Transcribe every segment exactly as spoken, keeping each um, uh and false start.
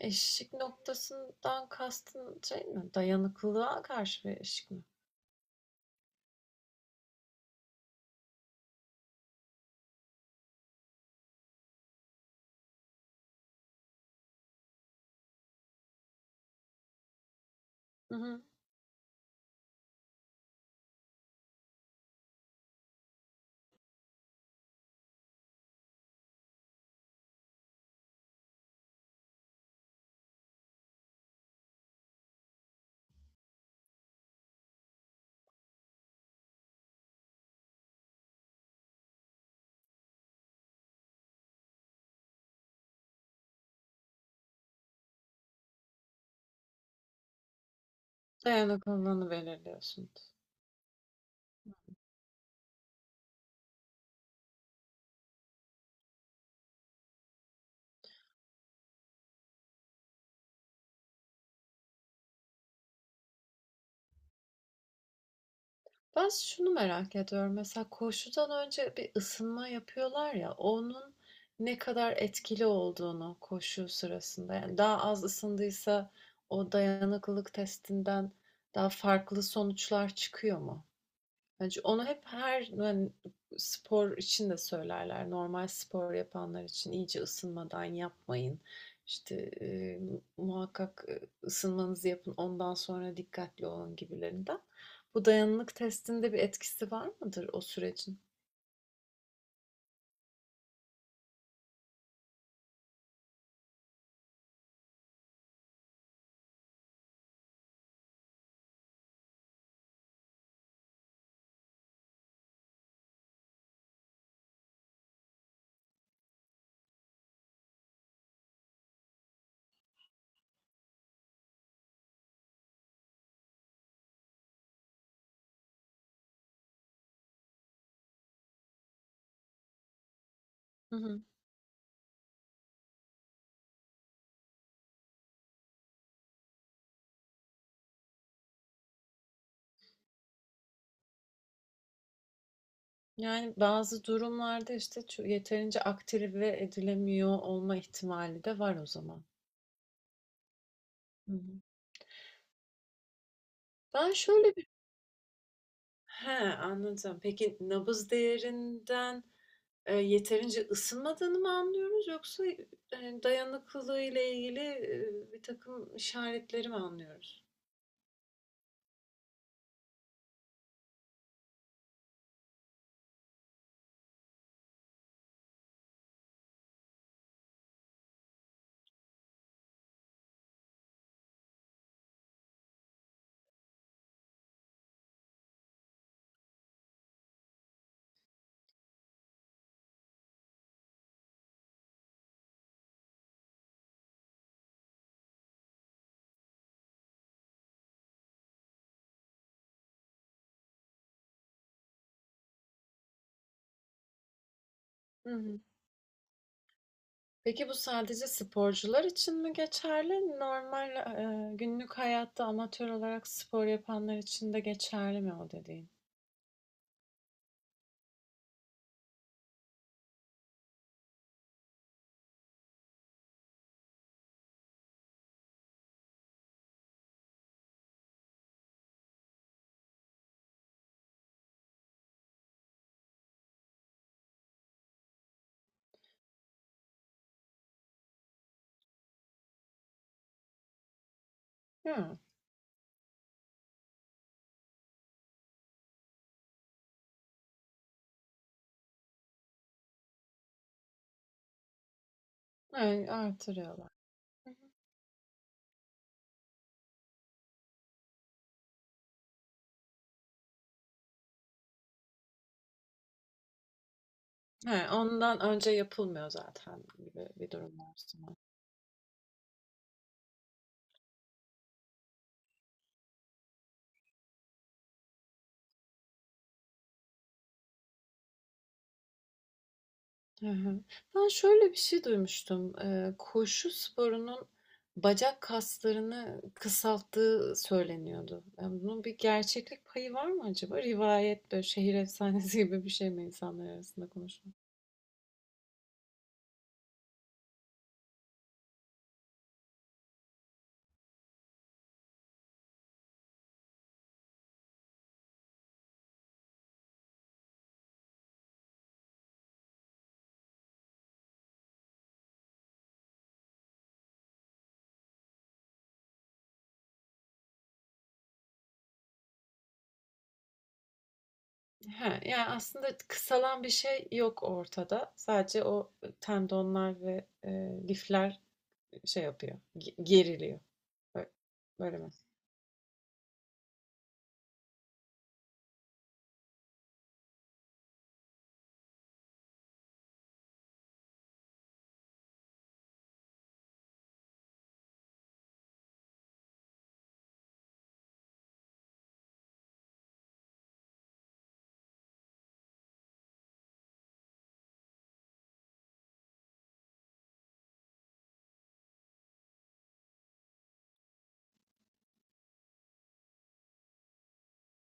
Eşik noktasından kastın şey mi? Dayanıklılığa karşı bir eşik mi? Hı hı. Dayanıklılığını belirliyorsunuz. Ben şunu merak ediyorum. Mesela koşudan önce bir ısınma yapıyorlar ya, onun ne kadar etkili olduğunu koşu sırasında. Yani daha az ısındıysa o dayanıklılık testinden daha farklı sonuçlar çıkıyor mu? Bence onu hep her yani spor için de söylerler. Normal spor yapanlar için iyice ısınmadan yapmayın. İşte e, muhakkak e, ısınmanızı yapın, ondan sonra dikkatli olun gibilerinden. Bu dayanıklık testinde bir etkisi var mıdır o sürecin? Hı hı. Yani bazı durumlarda işte ço- yeterince aktive edilemiyor olma ihtimali de var o zaman. Hı hı. Ben şöyle bir... He, anladım. Peki nabız değerinden Eee, yeterince ısınmadığını mı anlıyoruz yoksa, eee, hani, dayanıklılığı ile ilgili, e, bir takım işaretleri mi anlıyoruz? Hı hı. Peki bu sadece sporcular için mi geçerli? Normal, eee, günlük hayatta amatör olarak spor yapanlar için de geçerli mi o dediğin? Hıı. Evet, artırıyorlar. Hı hı. He, ondan önce yapılmıyor zaten gibi bir durum var o. Hı hı. Ben şöyle bir şey duymuştum. Ee, koşu sporunun bacak kaslarını kısalttığı söyleniyordu. Yani bunun bir gerçeklik payı var mı acaba? Rivayet böyle şehir efsanesi gibi bir şey mi insanlar arasında konuşulan? He, yani aslında kısalan bir şey yok ortada. Sadece o e, tendonlar ve e, lifler şey yapıyor, ge- geriliyor. Böyle, böyle mi?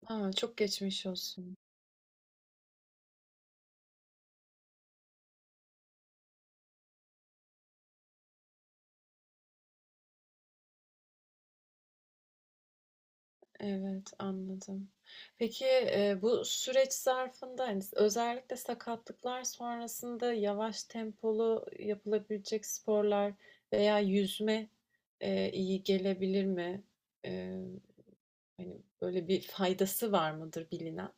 A, çok geçmiş olsun. Evet, anladım. Peki, eee, bu süreç zarfında, hani, özellikle sakatlıklar sonrasında yavaş tempolu yapılabilecek sporlar veya yüzme, eee, iyi gelebilir mi? Eee, hani, böyle bir faydası var mıdır bilinen?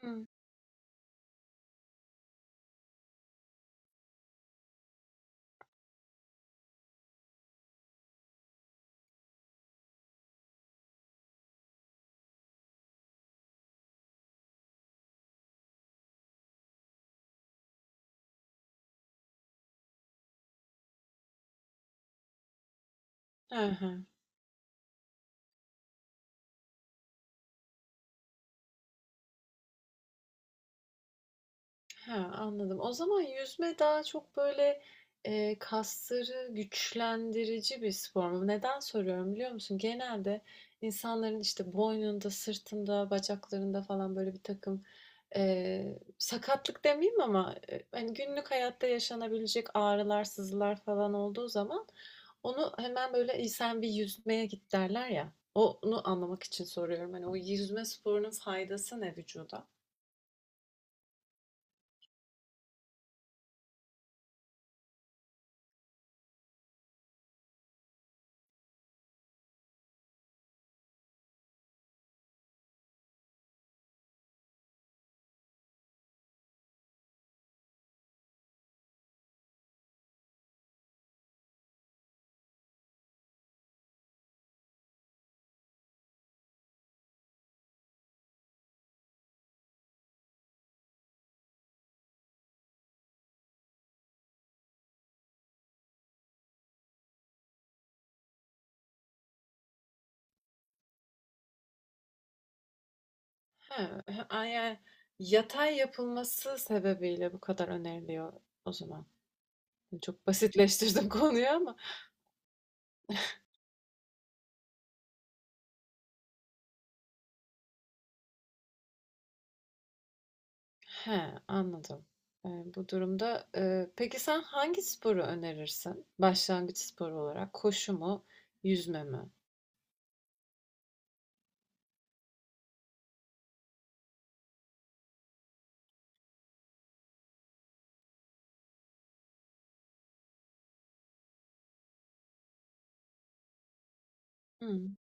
Hımm. He he. He, anladım. O zaman yüzme daha çok böyle, eee, kasları güçlendirici bir spor mu? Neden soruyorum biliyor musun? Genelde insanların işte boynunda, sırtında, bacaklarında falan böyle birtakım, eee, sakatlık demeyeyim ama, eee, hani günlük hayatta yaşanabilecek ağrılar, sızılar falan olduğu zaman onu hemen böyle, "İyi, sen bir yüzmeye git." derler ya. Onu anlamak için soruyorum. Hani o yüzme sporunun faydası ne vücuda? Ha, ha, a- yani yatay yapılması sebebiyle bu kadar öneriliyor o zaman. Hani çok basitleştirdim konuyu ama. He, anladım. E, bu durumda e, peki sen hangi sporu önerirsin? Başlangıç sporu olarak koşu mu, yüzme mi? Hmm,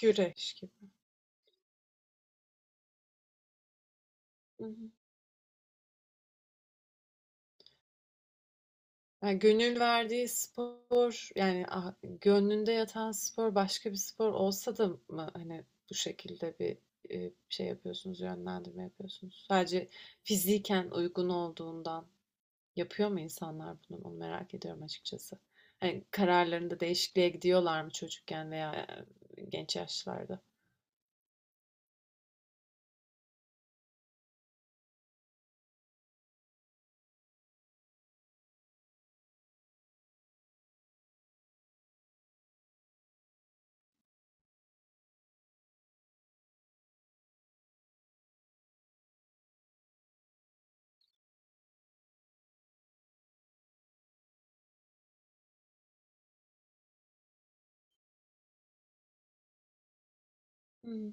güreş gibi. Ya gönül verdiği spor yani ah- gönlünde yatan spor başka bir spor olsa da mı hani bu şekilde bir e, şey yapıyorsunuz, yönlendirme yapıyorsunuz? Sadece fiziken uygun olduğundan yapıyor mu insanlar bunu? Onu merak ediyorum açıkçası. Hani kararlarında değişikliğe gidiyorlar mı çocukken veya e, genç yaşlarda? Hmm.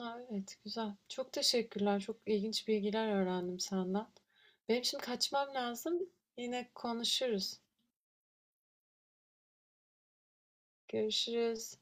Aa, evet güzel. Çok teşekkürler. Çok ilginç bilgiler öğrendim senden. Benim şimdi kaçmam lazım. Yine konuşuruz. Görüşürüz.